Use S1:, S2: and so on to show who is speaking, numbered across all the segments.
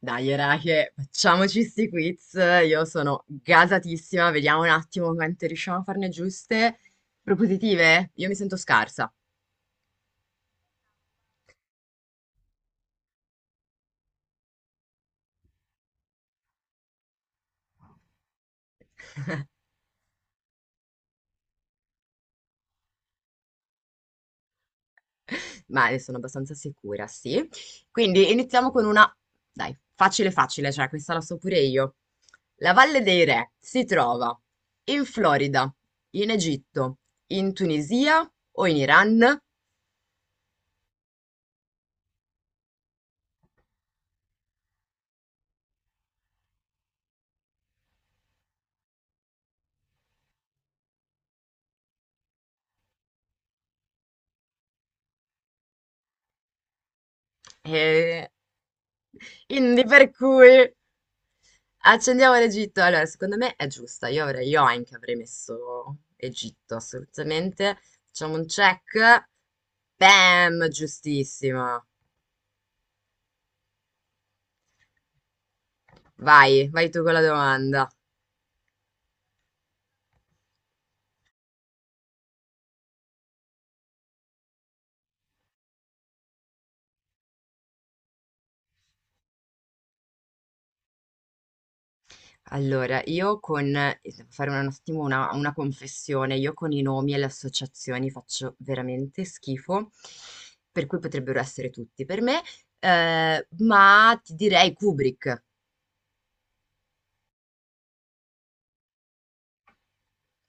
S1: Dai, era che facciamoci sti quiz. Io sono gasatissima. Vediamo un attimo quante riusciamo a farne giuste. Propositive? Io mi sento scarsa, ma ne sono abbastanza sicura, sì. Quindi iniziamo con una, dai, facile facile, cioè questa la so pure io. La Valle dei Re si trova in Florida, in Egitto, in Tunisia o in Iran? E quindi per cui accendiamo l'Egitto. Allora, secondo me è giusta. Io anche avrei messo Egitto, assolutamente. Facciamo un check. Bam, giustissima. Vai, vai tu con la domanda. Allora, io con... Devo fare un attimo una confessione. Io con i nomi e le associazioni faccio veramente schifo, per cui potrebbero essere tutti per me. Ma ti direi Kubrick.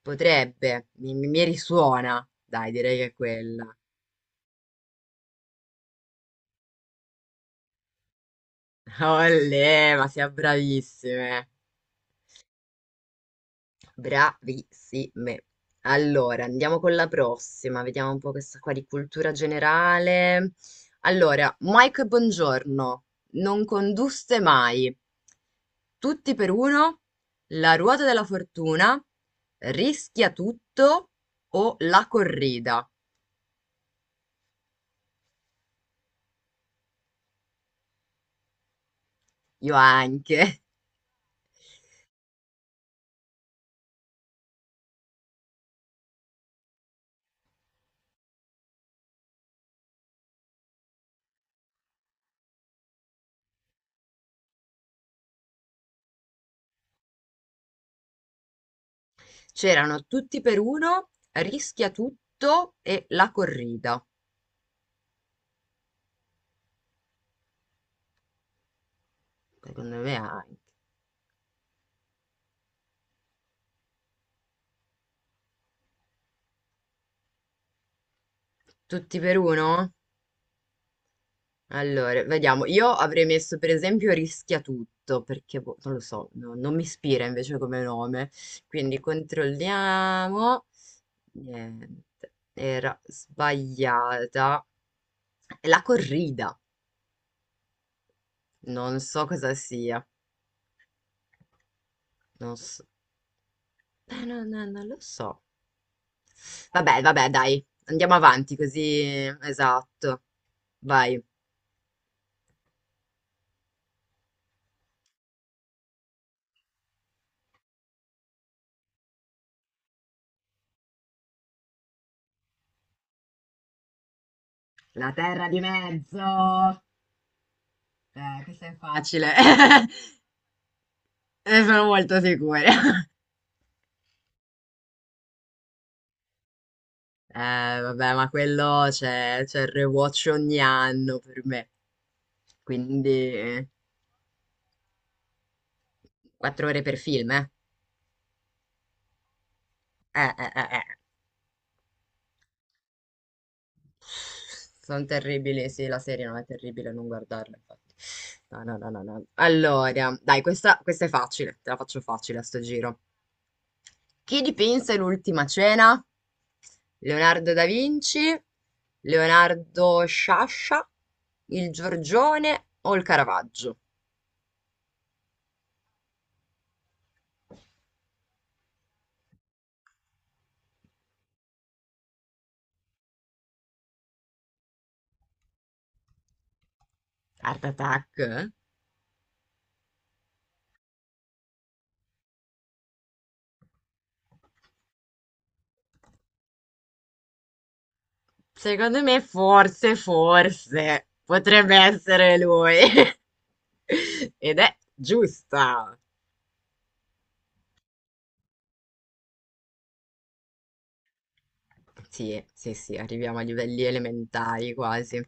S1: Potrebbe, mi risuona. Dai, direi che è quella. Olè, ma siamo bravissime. Bravissime. Allora, andiamo con la prossima. Vediamo un po' questa qua di cultura generale. Allora, Mike, buongiorno. Non conduste mai. Tutti per uno. La ruota della fortuna. Rischia tutto o la corrida. Io anche. C'erano Tutti per uno, Rischia tutto e La corrida. Secondo me anche. Tutti per uno? Allora, vediamo. Io avrei messo per esempio Rischia tutto, perché boh, non lo so, non mi ispira invece come nome. Quindi controlliamo. Niente, era sbagliata. La corrida. Non so cosa sia. Non so. No, no, non lo so. Vabbè, vabbè, dai, andiamo avanti così. Esatto. Vai. La terra di mezzo. Questo è facile. Ne sono molto sicura. Vabbè, ma quello c'è il rewatch ogni anno per me. Quindi quattro ore per film, eh? Eh. Sono terribili, sì, la serie non è terribile, non guardarla, infatti. No, no, no, no, no. Allora, dai, questa è facile, te la faccio facile a sto giro. Chi dipinse l'Ultima cena? Leonardo da Vinci, Leonardo Sciascia, il Giorgione o il Caravaggio? Art Attack? Secondo me forse, forse, potrebbe essere lui. Ed è giusta. Sì, sì, sì, arriviamo a livelli elementari quasi.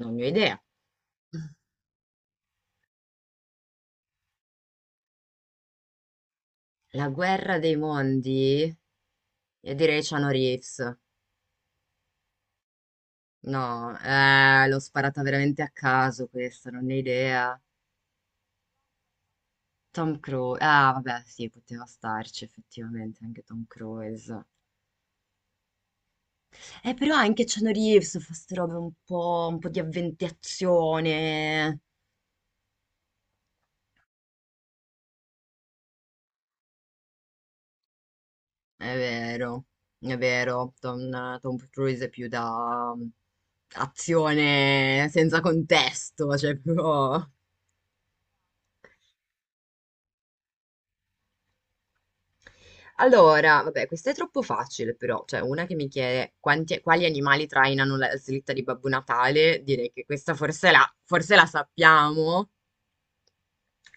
S1: Non ne ho idea. La guerra dei mondi? Io direi Keanu Reeves. No, l'ho sparata veramente a caso questa, non ne ho idea. Tom Cruise, ah vabbè, sì, poteva starci effettivamente anche Tom Cruise. Però anche Keanu Reeves fa ste robe un po' di avventazione. È vero, è vero, Tom Cruise è più da azione senza contesto, cioè proprio. Allora, vabbè, questa è troppo facile però, cioè una che mi chiede quali animali trainano la slitta di Babbo Natale, direi che questa forse la sappiamo.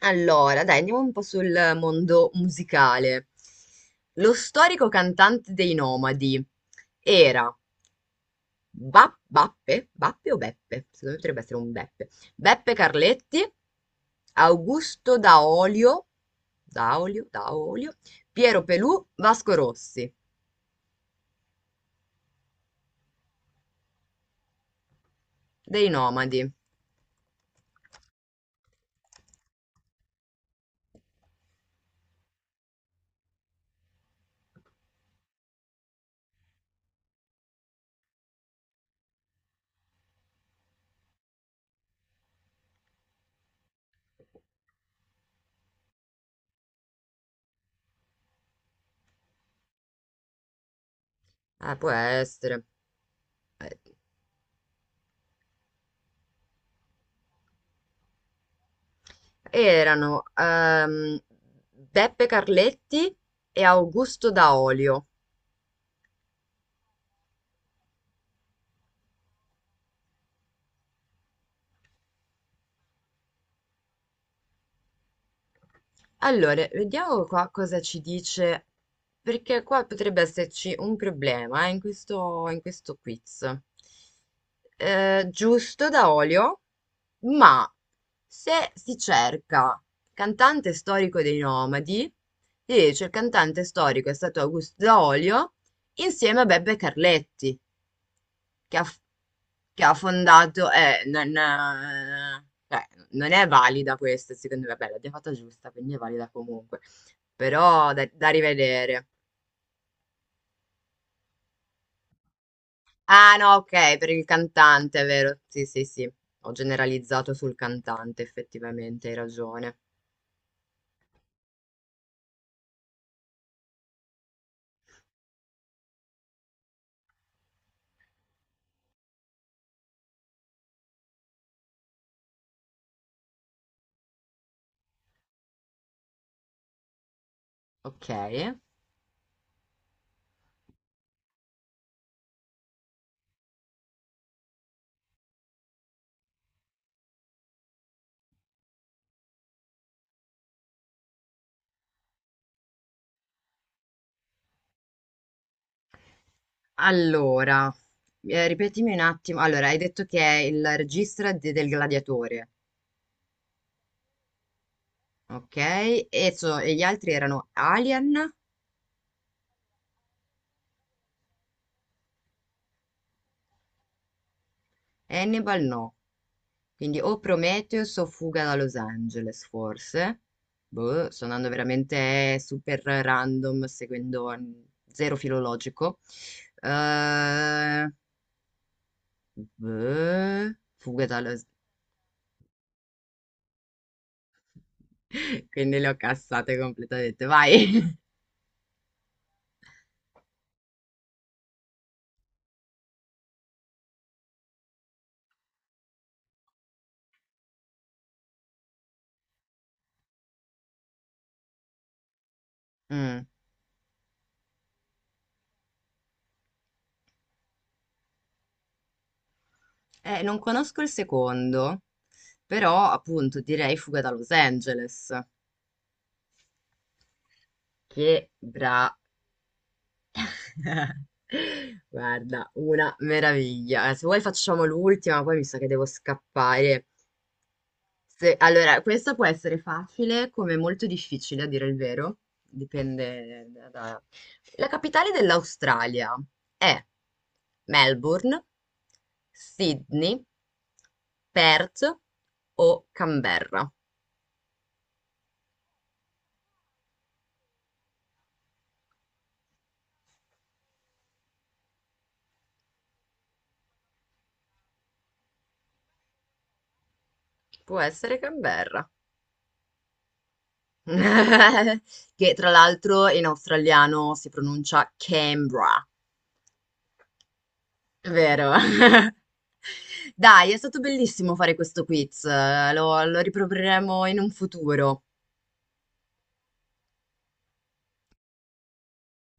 S1: Allora, dai, andiamo un po' sul mondo musicale. Lo storico cantante dei Nomadi era Bappe, Bappe o Beppe? Secondo me potrebbe essere un Beppe. Beppe Carletti, Augusto Daolio, Daolio, Daolio, Piero Pelù, Vasco Rossi. Dei nomadi. Può essere. Eh, Erano Beppe Carletti e Augusto Daolio. Allora, vediamo qua cosa ci dice, perché qua potrebbe esserci un problema in questo quiz. Giusto da olio, ma se si cerca cantante storico dei Nomadi, si dice il cantante storico è stato Augusto Daolio insieme a Beppe Carletti che ha f che ha fondato non cioè, non è valida questa secondo me. Vabbè, l'abbiamo fatta giusta, quindi è valida comunque. Però da rivedere. Ah, no, ok, per il cantante, è vero. Sì, sì, sì. Ho generalizzato sul cantante, effettivamente, hai ragione. Ok. Allora, ripetimi un attimo. Allora, hai detto che è il regista del gladiatore, ok? E gli altri erano Alien, Hannibal, no. Quindi o Prometheus o Fuga da Los Angeles, forse. Boh, sto andando veramente super random, seguendo zero filologico. Eh, boh, Fuga da Los... Quindi le ho cassate completamente. Vai! Mm. Non conosco il secondo, però appunto direi Fuga da Los Angeles. Che bravo! Guarda, una meraviglia. Se vuoi facciamo l'ultima, poi mi sa che devo scappare. Allora, questa può essere facile come molto difficile, a dire il vero. Dipende. La capitale dell'Australia è Melbourne, Sydney, Perth o Canberra? Può essere Canberra. Che tra l'altro in australiano si pronuncia Canberra. Vero. Dai, è stato bellissimo fare questo quiz, lo riproporremo in un futuro.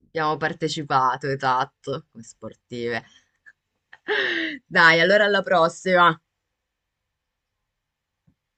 S1: Abbiamo partecipato, esatto, come sportive. Dai, allora alla prossima.